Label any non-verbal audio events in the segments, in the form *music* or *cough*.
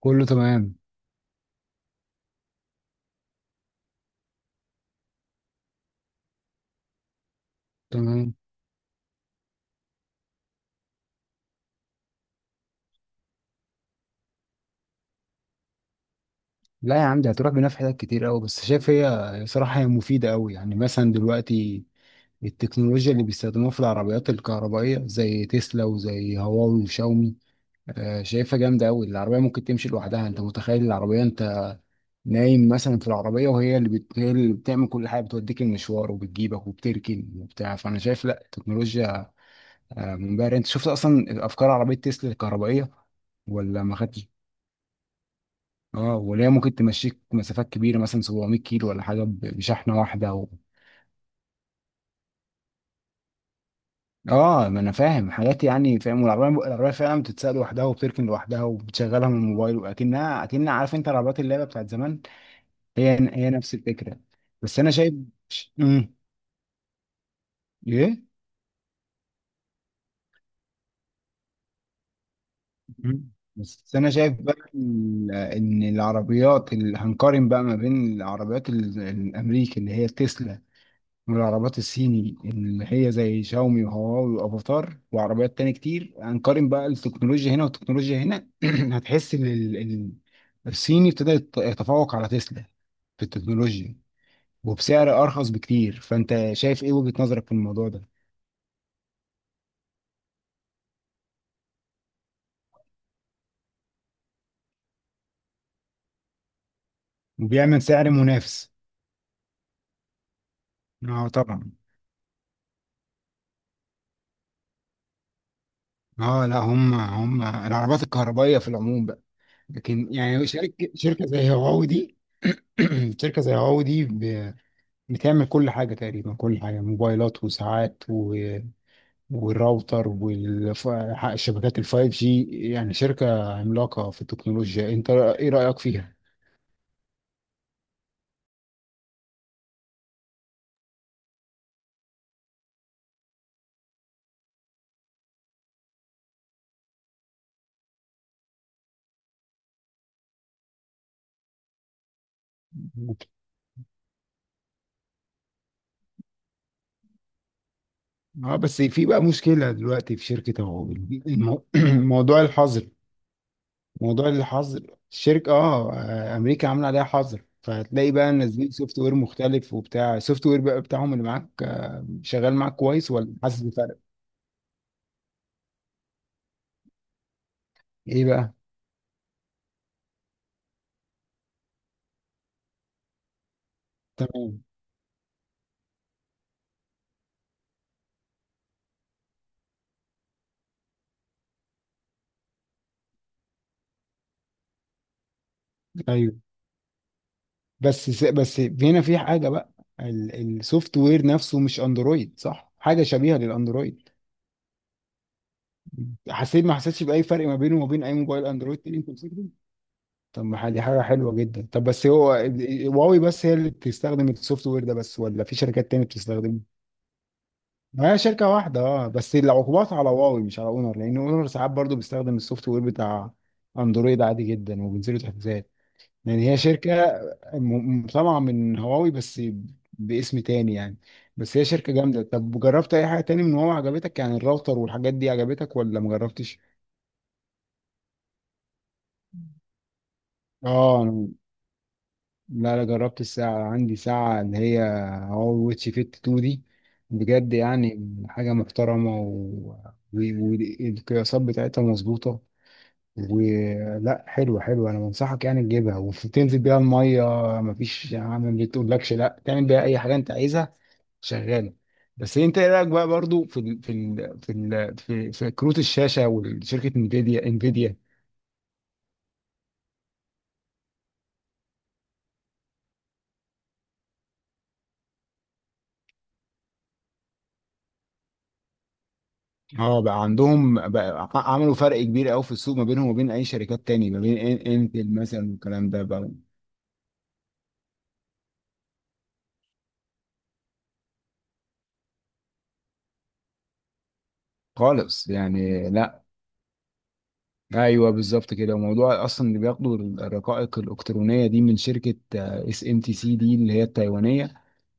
كله تمام. تمام. لا يا عم دي هتروح بينا في حتت كتير قوي. بس شايف هي صراحة هي مفيدة قوي، يعني مثلا دلوقتي التكنولوجيا اللي بيستخدموها في العربيات الكهربائية زي تسلا وزي هواوي وشاومي. شايفها جامدة قوي. العربية ممكن تمشي لوحدها، انت متخيل العربية انت نايم مثلا في العربية وهي هي اللي بتعمل كل حاجة، بتوديك المشوار وبتجيبك وبتركن وبتاع. فانا شايف لا، التكنولوجيا منبهرة. انت شفت اصلا افكار عربية تسلا الكهربائية ولا ما خدتش؟ اه وليه، ممكن تمشيك مسافات كبيره مثلا 700 كيلو ولا حاجه، بشحنه واحده اه. ما انا فاهم حاجات، يعني فاهم. والعربيه فعلا بتتسال لوحدها وبتركن لوحدها وبتشغلها من الموبايل، واكنها عارف انت العربيات اللعبه بتاعت زمان. هي نفس الفكره. بس انا شايف. امم ايه. مم. بس انا شايف بقى ان العربيات اللي هنقارن بقى ما بين العربيات الامريكي اللي هي تسلا، والعربيات الصيني اللي هي زي شاومي وهواوي وافاتار وعربيات تاني كتير. هنقارن بقى التكنولوجيا هنا والتكنولوجيا هنا *clears throat* هتحس ان الصيني ابتدى يتفوق على تسلا في التكنولوجيا، وبسعر ارخص بكتير. فانت شايف ايه، وجهة نظرك في الموضوع ده؟ وبيعمل سعر منافس. اه طبعا. اه لا، هم العربيات الكهربائية في العموم بقى. لكن يعني شركة زي هواوي دي *clears throat* شركة زي هواوي دي بتعمل كل حاجة تقريبا، كل حاجة، موبايلات وساعات والراوتر والشبكات الفايف جي. يعني شركة عملاقة في التكنولوجيا، انت ايه رأيك فيها؟ اه بس في بقى مشكلة دلوقتي في شركة أهو. المو... *clears throat* موضوع الحظر. موضوع الحظر. الشركة، أمريكا عاملة عليها حظر. فهتلاقي بقى نازلين سوفت وير مختلف، وبتاع السوفت وير بقى بتاعهم اللي معاك، شغال معاك كويس ولا حاسس بفرق؟ ايه بقى؟ تمام. ايوه بس بس هنا في حاجه بقى، السوفت وير نفسه مش اندرويد صح، حاجه شبيهه للاندرويد. حسيت ما حسيتش باي فرق ما بينه وما بين اي موبايل اندرويد تاني انت بتستخدمه؟ طب ما دي حاجه حلوه جدا. طب بس هو هواوي بس هي اللي بتستخدم السوفت وير ده، بس ولا في شركات تانية بتستخدمه؟ ما هي شركه واحده. اه بس العقوبات على هواوي مش على اونر، لان اونر ساعات برضو بيستخدم السوفت وير بتاع اندرويد عادي جدا وبينزلوا تحديثات. يعني هي شركة طبعا من هواوي، بس باسم تاني يعني. بس هي شركة جامدة. طب جربت أي حاجة تاني من هواوي عجبتك، يعني الراوتر والحاجات دي عجبتك ولا مجربتش؟ اه أنا- لا لا، جربت الساعة، عندي ساعة اللي هي هواوي واتش فيت 2 دي. بجد يعني حاجة محترمة و- والقياسات بتاعتها مظبوطة ولا حلوة حلوة. أنا بنصحك يعني تجيبها وتنزل بيها المية. مفيش يا عم ما بتقولكش، لا تعمل بيها أي حاجة أنت عايزها، شغاله. بس انت ايه رايك بقى برضو في كروت الشاشه وشركه انفيديا؟ اه بقى عندهم بقى عملوا فرق كبير قوي في السوق، ما بينهم وما بين اي شركات تاني، ما بين انتل مثلا والكلام ده بقى. خالص يعني لا. ايوه بالظبط كده. وموضوع اصلا اللي بياخدوا الرقائق الالكترونيه دي من شركه اس ام تي سي دي اللي هي التايوانيه،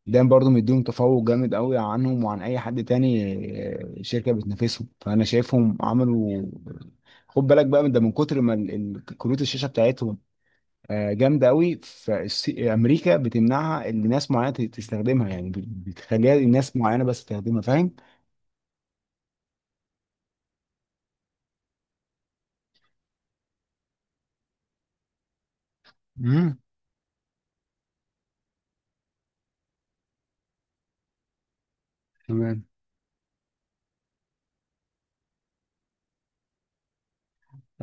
ده برضو مديهم تفوق جامد قوي عنهم وعن اي حد تاني. شركه بتنافسهم. فانا شايفهم عملوا، خد بالك بقى من ده، من كتر ما كروت الشاشه بتاعتهم جامده قوي، فامريكا بتمنعها ان ناس معينه تستخدمها، يعني بتخليها الناس معينه بس تستخدمها فاهم. امم تمام.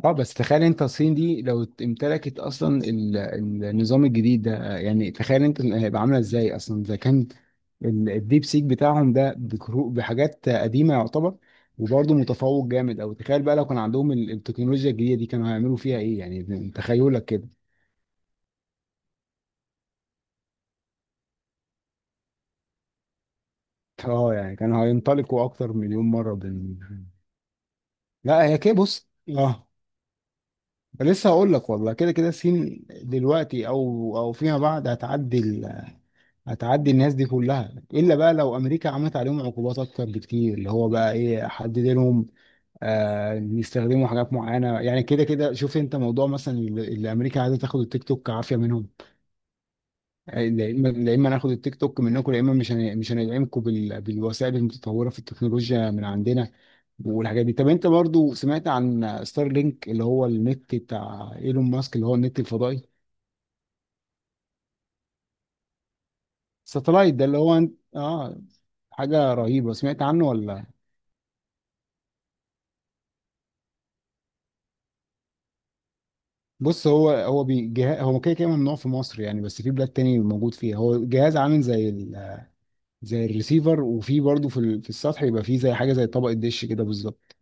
اه بس تخيل انت الصين دي لو امتلكت اصلا النظام الجديد ده، يعني تخيل انت هيبقى عامله ازاي، اصلا اذا كان الديب سيك بتاعهم ده بحاجات قديمه يعتبر وبرضه متفوق جامد، او تخيل بقى لو كان عندهم التكنولوجيا الجديده دي كانوا هيعملوا فيها ايه، يعني تخيلك كده. اه يعني كانوا هينطلقوا اكتر مليون مره لا. هي كده بص. اه لسه هقول لك، والله كده كده الصين دلوقتي او فيما بعد هتعدي الناس دي كلها، الا بقى لو امريكا عملت عليهم عقوبات اكتر بكتير، اللي هو بقى ايه حدد لهم، بيستخدموا حاجات معينه يعني. كده كده شوف انت موضوع مثلا اللي امريكا عايزه تاخد التيك توك كعافيه منهم. لا اما، لا إما ناخد التيك توك منكم، يا اما مش هندعمكم بالوسائل المتطوره في التكنولوجيا من عندنا والحاجات دي. طب انت برضو سمعت عن ستار لينك، اللي هو النت بتاع ايلون ماسك، اللي هو النت الفضائي، ساتلايت ده اللي هو، اه حاجه رهيبه، سمعت عنه ولا؟ بص هو جهاز، هو كده كده ممنوع في مصر يعني، بس في بلاد تاني موجود فيها. هو جهاز عامل زي الريسيفر، وفي برضه في في السطح، يبقى في زي حاجه زي طبقه دش كده بالظبط.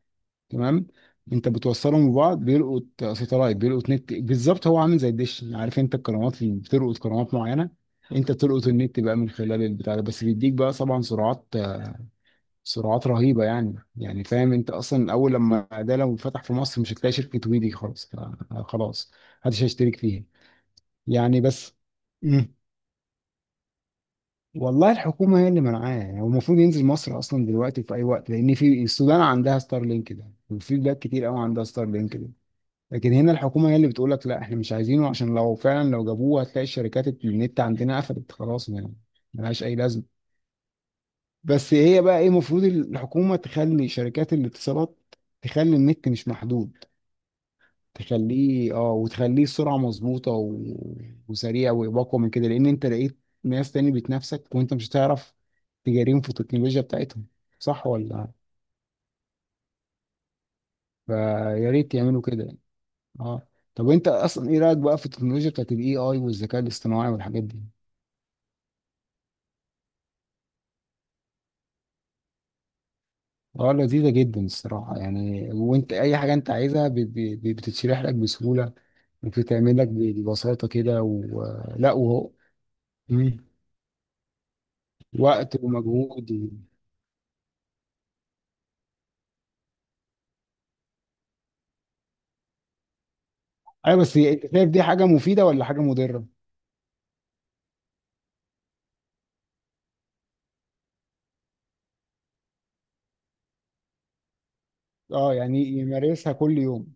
تمام. انت بتوصلهم ببعض بيلقط ساتلايت، بيلقط نت بالظبط. هو عامل زي الدش يعني، عارف انت القنوات اللي بتلقط قنوات معينه، انت بتلقط النت بقى من خلال البتاع ده، بس بيديك بقى طبعا سرعات، سرعات رهيبه يعني فاهم انت اصلا، اول لما ده لو فتح في مصر مش هتلاقي شركه ويدي خالص، خلاص محدش هيشترك فيها يعني. بس والله الحكومة هي اللي منعاه، يعني هو المفروض ينزل مصر أصلا دلوقتي في أي وقت، لأن في السودان عندها ستار لينك ده، وفي بلاد كتير أوي عندها ستار لينك ده. لكن هنا الحكومة هي اللي بتقول لك لا، إحنا مش عايزينه، عشان لو فعلا لو جابوه هتلاقي الشركات النت عندنا قفلت خلاص يعني، ملهاش أي لازمة. بس هي بقى إيه، المفروض الحكومة تخلي شركات الاتصالات تخلي النت مش محدود، تخليه وتخليه السرعه مظبوطه وسريع واقوى من كده، لان انت لقيت ناس تاني بتنافسك وانت مش هتعرف تجاريهم في التكنولوجيا بتاعتهم، صح ولا؟ فيا ريت يعملوا كده يعني. اه. طب انت اصلا ايه رايك بقى في التكنولوجيا بتاعت الاي اي والذكاء الاصطناعي والحاجات دي؟ اه لذيذه جدا الصراحه يعني، وانت اي حاجه انت عايزها بتتشرح لك بسهوله، وبتتعمل لك ببساطه كده ولا، وهو. مم. وقت ومجهود. ايوه بس انت شايف دي حاجه مفيده ولا حاجه مضره؟ اه يعني يمارسها كل يوم.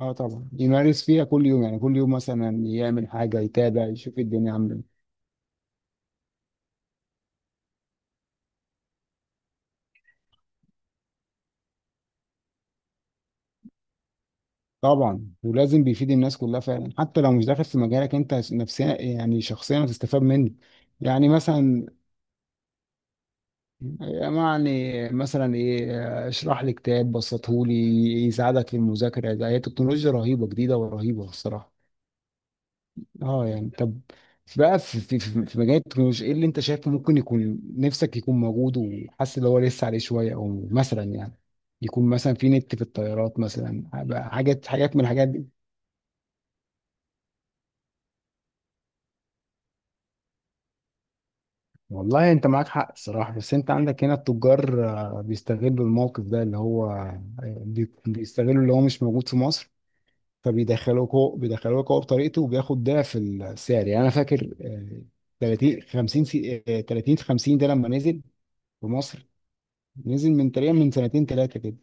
اه طبعا يمارس فيها كل يوم، يعني كل يوم مثلا يعمل حاجه، يتابع، يشوف الدنيا عامله إيه. طبعا ولازم بيفيد الناس كلها فعلا، حتى لو مش داخل في مجالك انت نفسيا يعني شخصيا هتستفاد منه. يعني مثلا، يعني مثلا ايه، اشرح لي كتاب بسطهولي، يساعدك في المذاكره. ده هي تكنولوجيا رهيبه جديده، ورهيبه الصراحه. اه يعني طب، بقى في مجال التكنولوجيا، ايه اللي انت شايفه ممكن يكون نفسك يكون موجود وحاسس ان هو لسه عليه شويه، او مثلا يعني يكون مثلا في نت في الطيارات مثلا بقى، حاجات من الحاجات دي. والله انت معاك حق الصراحه، بس انت عندك هنا التجار بيستغلوا الموقف ده اللي هو، بيستغلوا اللي هو مش موجود في مصر، فبيدخلوك هو، بيدخلوك هو بطريقته وبياخد ضعف السعر. يعني انا فاكر 30 50 ده لما نزل في مصر، نزل من تقريبا من سنتين ثلاثه كده،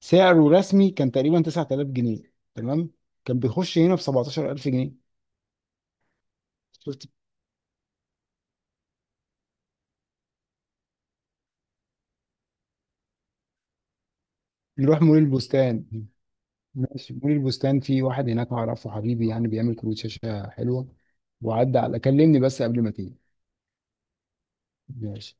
سعره رسمي كان تقريبا 9000 جنيه تمام، كان بيخش هنا ب 17000 جنيه. شفت. نروح مول البستان. ماشي، مول البستان في واحد هناك اعرفه حبيبي، يعني بيعمل كروت شاشه حلوه. وعدى على كلمني بس قبل ما تيجي. ماشي.